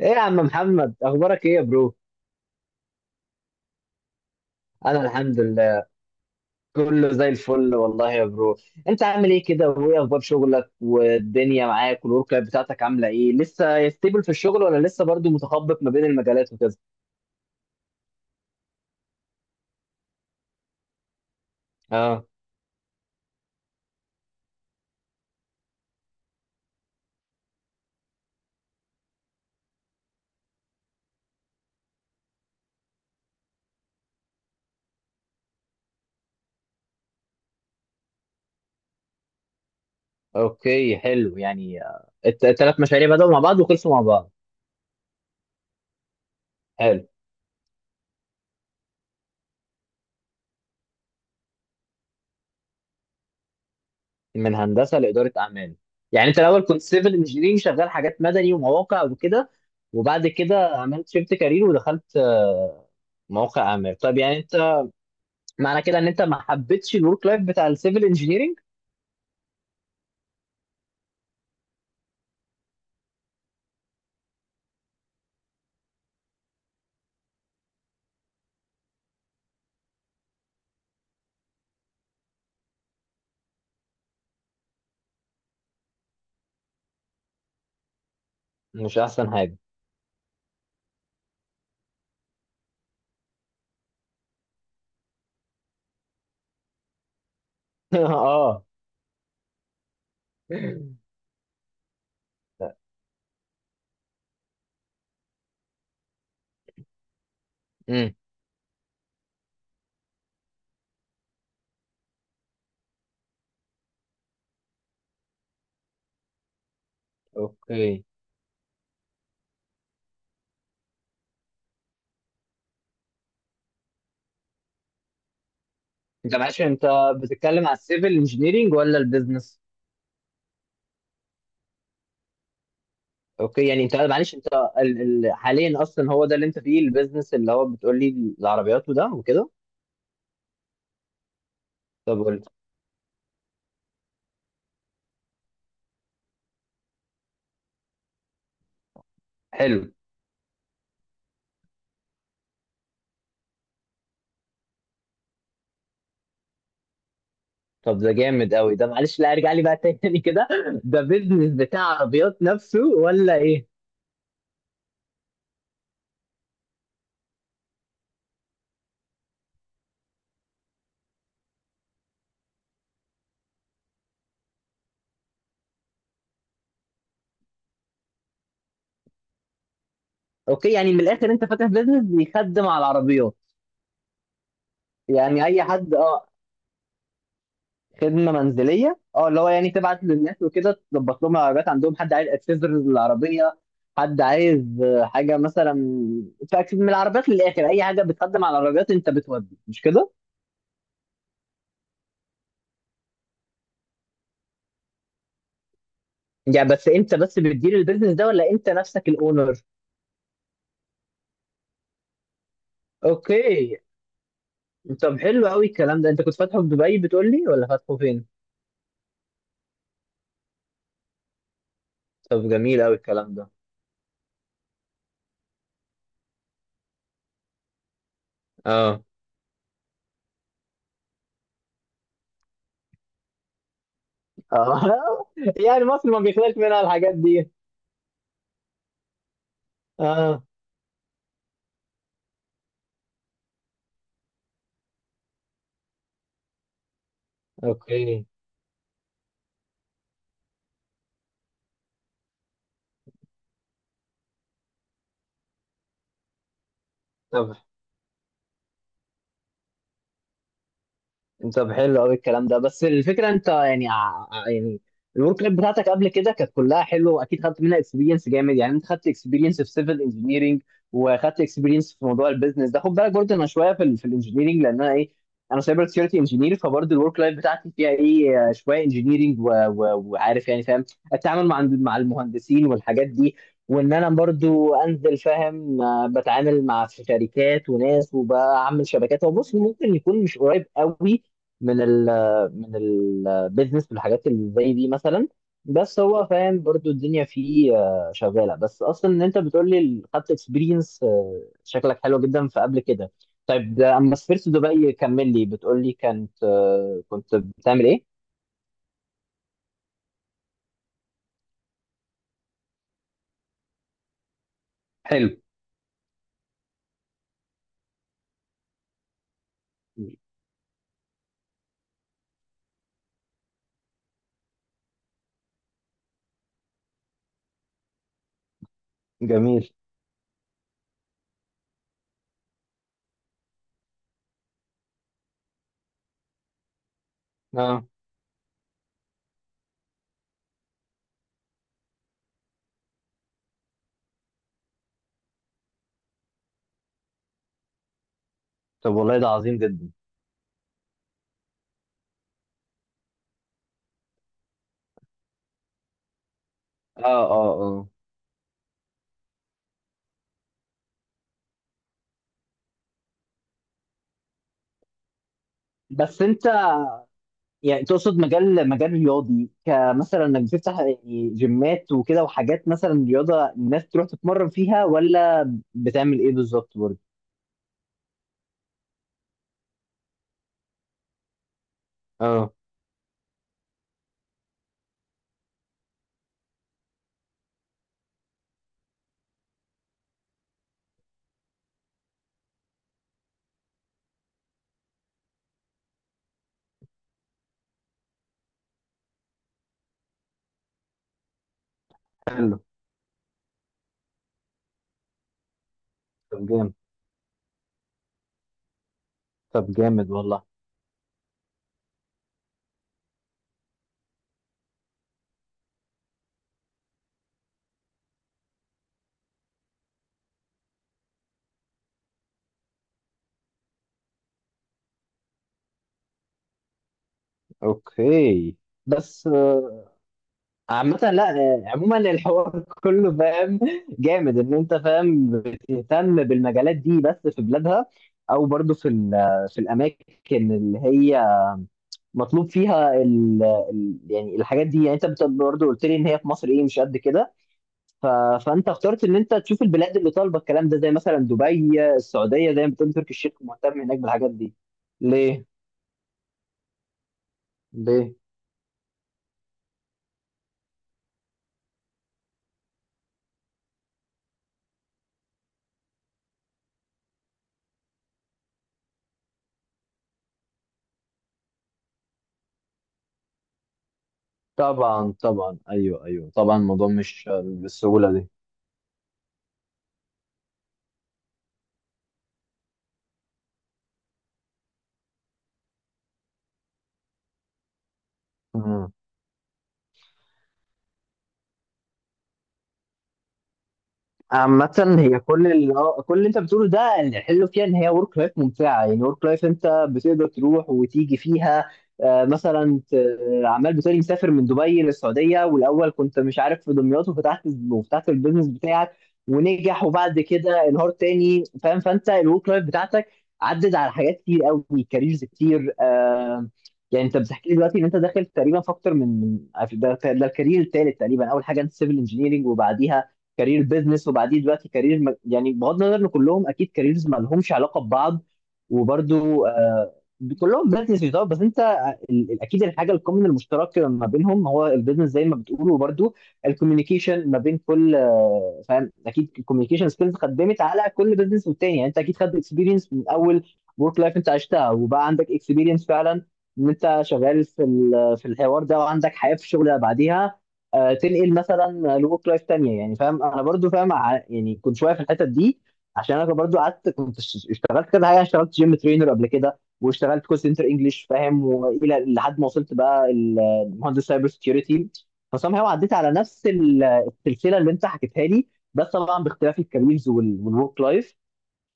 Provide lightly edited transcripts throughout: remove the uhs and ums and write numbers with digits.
ايه يا عم محمد، اخبارك ايه يا برو؟ انا الحمد لله، كله زي الفل والله يا برو. انت عامل ايه كده، وايه اخبار شغلك والدنيا معاك، والورك لايف بتاعتك عامله ايه؟ لسه ستيبل في الشغل، ولا لسه برضو متخبط ما بين المجالات وكده؟ اه. اوكي، حلو، يعني التلات مشاريع بدأوا مع بعض وخلصوا مع بعض. حلو. من هندسه لاداره اعمال؟ يعني انت الاول كنت سيفل انجينيرنج، شغال حاجات مدني ومواقع وكده، وبعد كده عملت شيفت كارير ودخلت مواقع اعمال. طب يعني انت، معنى كده ان انت ما حبيتش الورك لايف بتاع السيفل انجينيرنج؟ مش احسن حاجه. اه. لا. امم. اوكي، انت معلش، انت بتتكلم على السيفل انجينيرنج ولا البيزنس؟ اوكي يعني انت معلش انت ال... حاليا اصلا هو ده اللي انت فيه، البيزنس اللي هو بتقول لي، العربيات وده وكده؟ طب قلت. حلو. طب ده جامد قوي ده، معلش لا ارجع لي بقى تاني كده، ده بيزنس بتاع عربيات نفسه ولا ايه؟ اوكي، يعني من الاخر انت فاتح بيزنس بيخدم على العربيات. يعني اي حد. اه. خدمه منزليه، اه، اللي هو يعني تبعت للناس وكده تظبط لهم العربيات عندهم، حد عايز اكسسوارز للعربيه، حد عايز حاجه مثلا. من العربيات للاخر، اي حاجه بتقدم على العربيات انت بتودي، مش كده؟ يعني بس انت بس بتدير البيزنس ده، ولا انت نفسك الاونر؟ اوكي. طب حلو قوي الكلام ده. انت كنت فاتحه في دبي بتقول لي، ولا فاتحه فين؟ طب جميل قوي الكلام ده. اه. اه. يعني مصر ما بيخلاش منها الحاجات دي. اه. اوكي. طب، طب حلو قوي الكلام ده، بس الفكره انت يعني يعني الورك لايف بتاعتك قبل كده كانت كلها حلوه، واكيد خدت منها اكسبيرينس جامد. يعني انت خدت اكسبيرينس في سيفل انجينيرنج، وخدت اكسبيرينس في موضوع البيزنس ده، خد بالك برضه انا شويه في ال في الانجينيرنج، لان انا ايه، انا سايبر سكيورتي انجينير، فبرضه الورك لايف بتاعتي فيها ايه شويه انجينيرنج، وعارف يعني، فاهم التعامل مع المهندسين والحاجات دي، وان انا برضو انزل، فاهم، بتعامل مع شركات وناس، وبعمل شبكات. هو بص، ممكن يكون مش قريب قوي من ال، من البيزنس والحاجات اللي زي دي مثلا، بس هو فاهم برضو الدنيا فيه شغاله، بس اصلا ان انت بتقول لي خدت اكسبيرينس، شكلك حلو جدا في قبل كده. طيب ده، اما سافرت دبي كمل لي، بتقول لي كانت كنت بتعمل ايه؟ حلو. جميل. اه. طب والله ده عظيم جدا. اه. اه. اه. بس انت يعني تقصد مجال، مجال رياضي، كمثلا انك بتفتح يعني جيمات وكده وحاجات مثلا رياضه الناس تروح تتمرن فيها، ولا بتعمل ايه بالظبط برضه؟ اه. طب جامد. طب جامد والله. اوكي. بس عامة لا، عموما الحوار كله، فاهم، جامد ان انت فاهم بتهتم بالمجالات دي بس في بلادها، او برضه في في الاماكن اللي هي مطلوب فيها ال ال يعني الحاجات دي. يعني انت برضه قلت لي ان هي في مصر ايه، مش قد كده. ف... فانت اخترت ان انت تشوف البلاد اللي طالبه الكلام ده، زي مثلا دبي، السعوديه، زي ما بتقول تركي الشيخ مهتم هناك بالحاجات دي. ليه؟ ليه؟ طبعا، طبعا، ايوه ايوه، طبعا الموضوع مش بالسهوله دي. عامة هي كل اللي كل اللي انت بتقوله ده، الحلو فيها ان هي ورك لايف ممتعة، يعني ورك لايف انت بتقدر تروح وتيجي فيها، آه، مثلا ت- عمال بتقولي مسافر من دبي للسعودية، والاول كنت مش عارف في دمياط، وفتحت وفتحت البيزنس بتاعك ونجح، وبعد كده انهار تاني، فاهم؟ فانت الورك لايف بتاعتك عدد على حاجات كتير قوي، كاريرز كتير يعني انت بتحكي لي دلوقتي ان انت داخل تقريبا في اكتر من ده ده الكارير التالت تقريبا. اول حاجه انت سيفل انجينيرنج، وبعديها كارير بيزنس، وبعدين دلوقتي كارير يعني بغض النظر ان كلهم اكيد كاريرز ما لهمش علاقه ببعض، وبرده، آه، كلهم بيزنس يعتبر، بس انت اكيد الحاجه الكومن المشترك ما بينهم هو البيزنس زي ما بتقول. وبرده الكوميونيكيشن ما بين كل آه، فاهم، اكيد الكوميونيكيشن سكيلز خدمت على كل بيزنس والتاني. يعني انت اكيد خدت اكسبيرينس من اول ورك لايف انت عشتها، وبقى عندك اكسبيرينس فعلا ان انت شغال في في الحوار ده، وعندك حياه في الشغل، بعديها تنقل مثلا لوك لايف تانية. يعني فاهم، انا برضو فاهم يعني كنت شويه في الحتت دي، عشان انا برضو قعدت كنت اشتغلت كده حاجه، اشتغلت جيم ترينر قبل كده، واشتغلت كول سنتر انجلش، فاهم، والى لحد ما وصلت بقى المهندس سايبر سكيورتي. فصام هو عديت على نفس السلسله اللي انت حكيتها لي، بس طبعا باختلاف الكاريرز والورك لايف.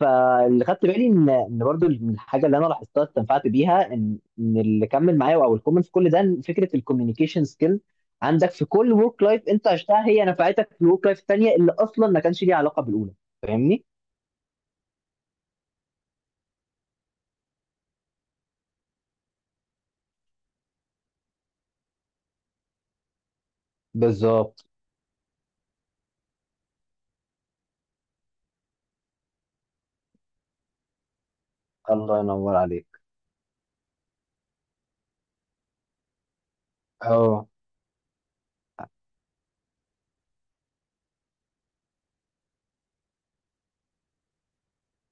فاللي خدت بالي ان ان برضو من الحاجه اللي انا لاحظتها استنفعت بيها، ان ان اللي كمل معايا او الكومنت في كل ده، إن فكره الكوميونيكيشن سكيل عندك في كل ورك لايف انت عشتها هي نفعتك في الورك لايف الثانيه اللي اصلا ما كانش ليها علاقه بالاولى. فاهمني؟ بالظبط. الله ينور عليك. اه.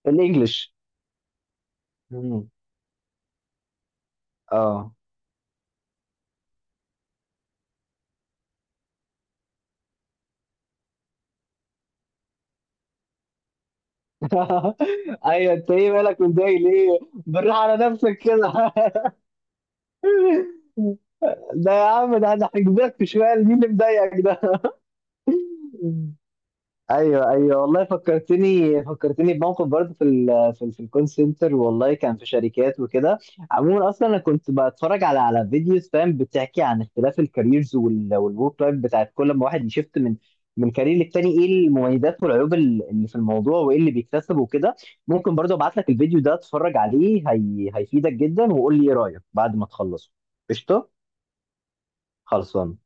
الانجليش. مم. اه. ايوه، انت ايه مالك متضايق ليه؟ بالراحه على نفسك كده. ده يا عم، ده انا هجيب لك في شويه مين اللي مضايقك ده. ايوه ايوه والله، فكرتني، فكرتني بموقف برضه في في ال في الكول سنتر، والله كان في شركات وكده. عموما اصلا انا كنت بتفرج على فيديوز، فاهم، بتحكي عن اختلاف الكاريرز والورك لايف بتاعت كل ما واحد يشفت من كارير للتاني، ايه المميزات والعيوب اللي في الموضوع، وايه اللي بيكتسبه وكده. ممكن برضه ابعت لك الفيديو ده اتفرج عليه، هي هيفيدك جدا، وقول لي ايه رايك بعد ما تخلصه. قشطه. خلصان.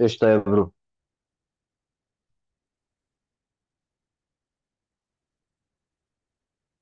قشطه يا برو.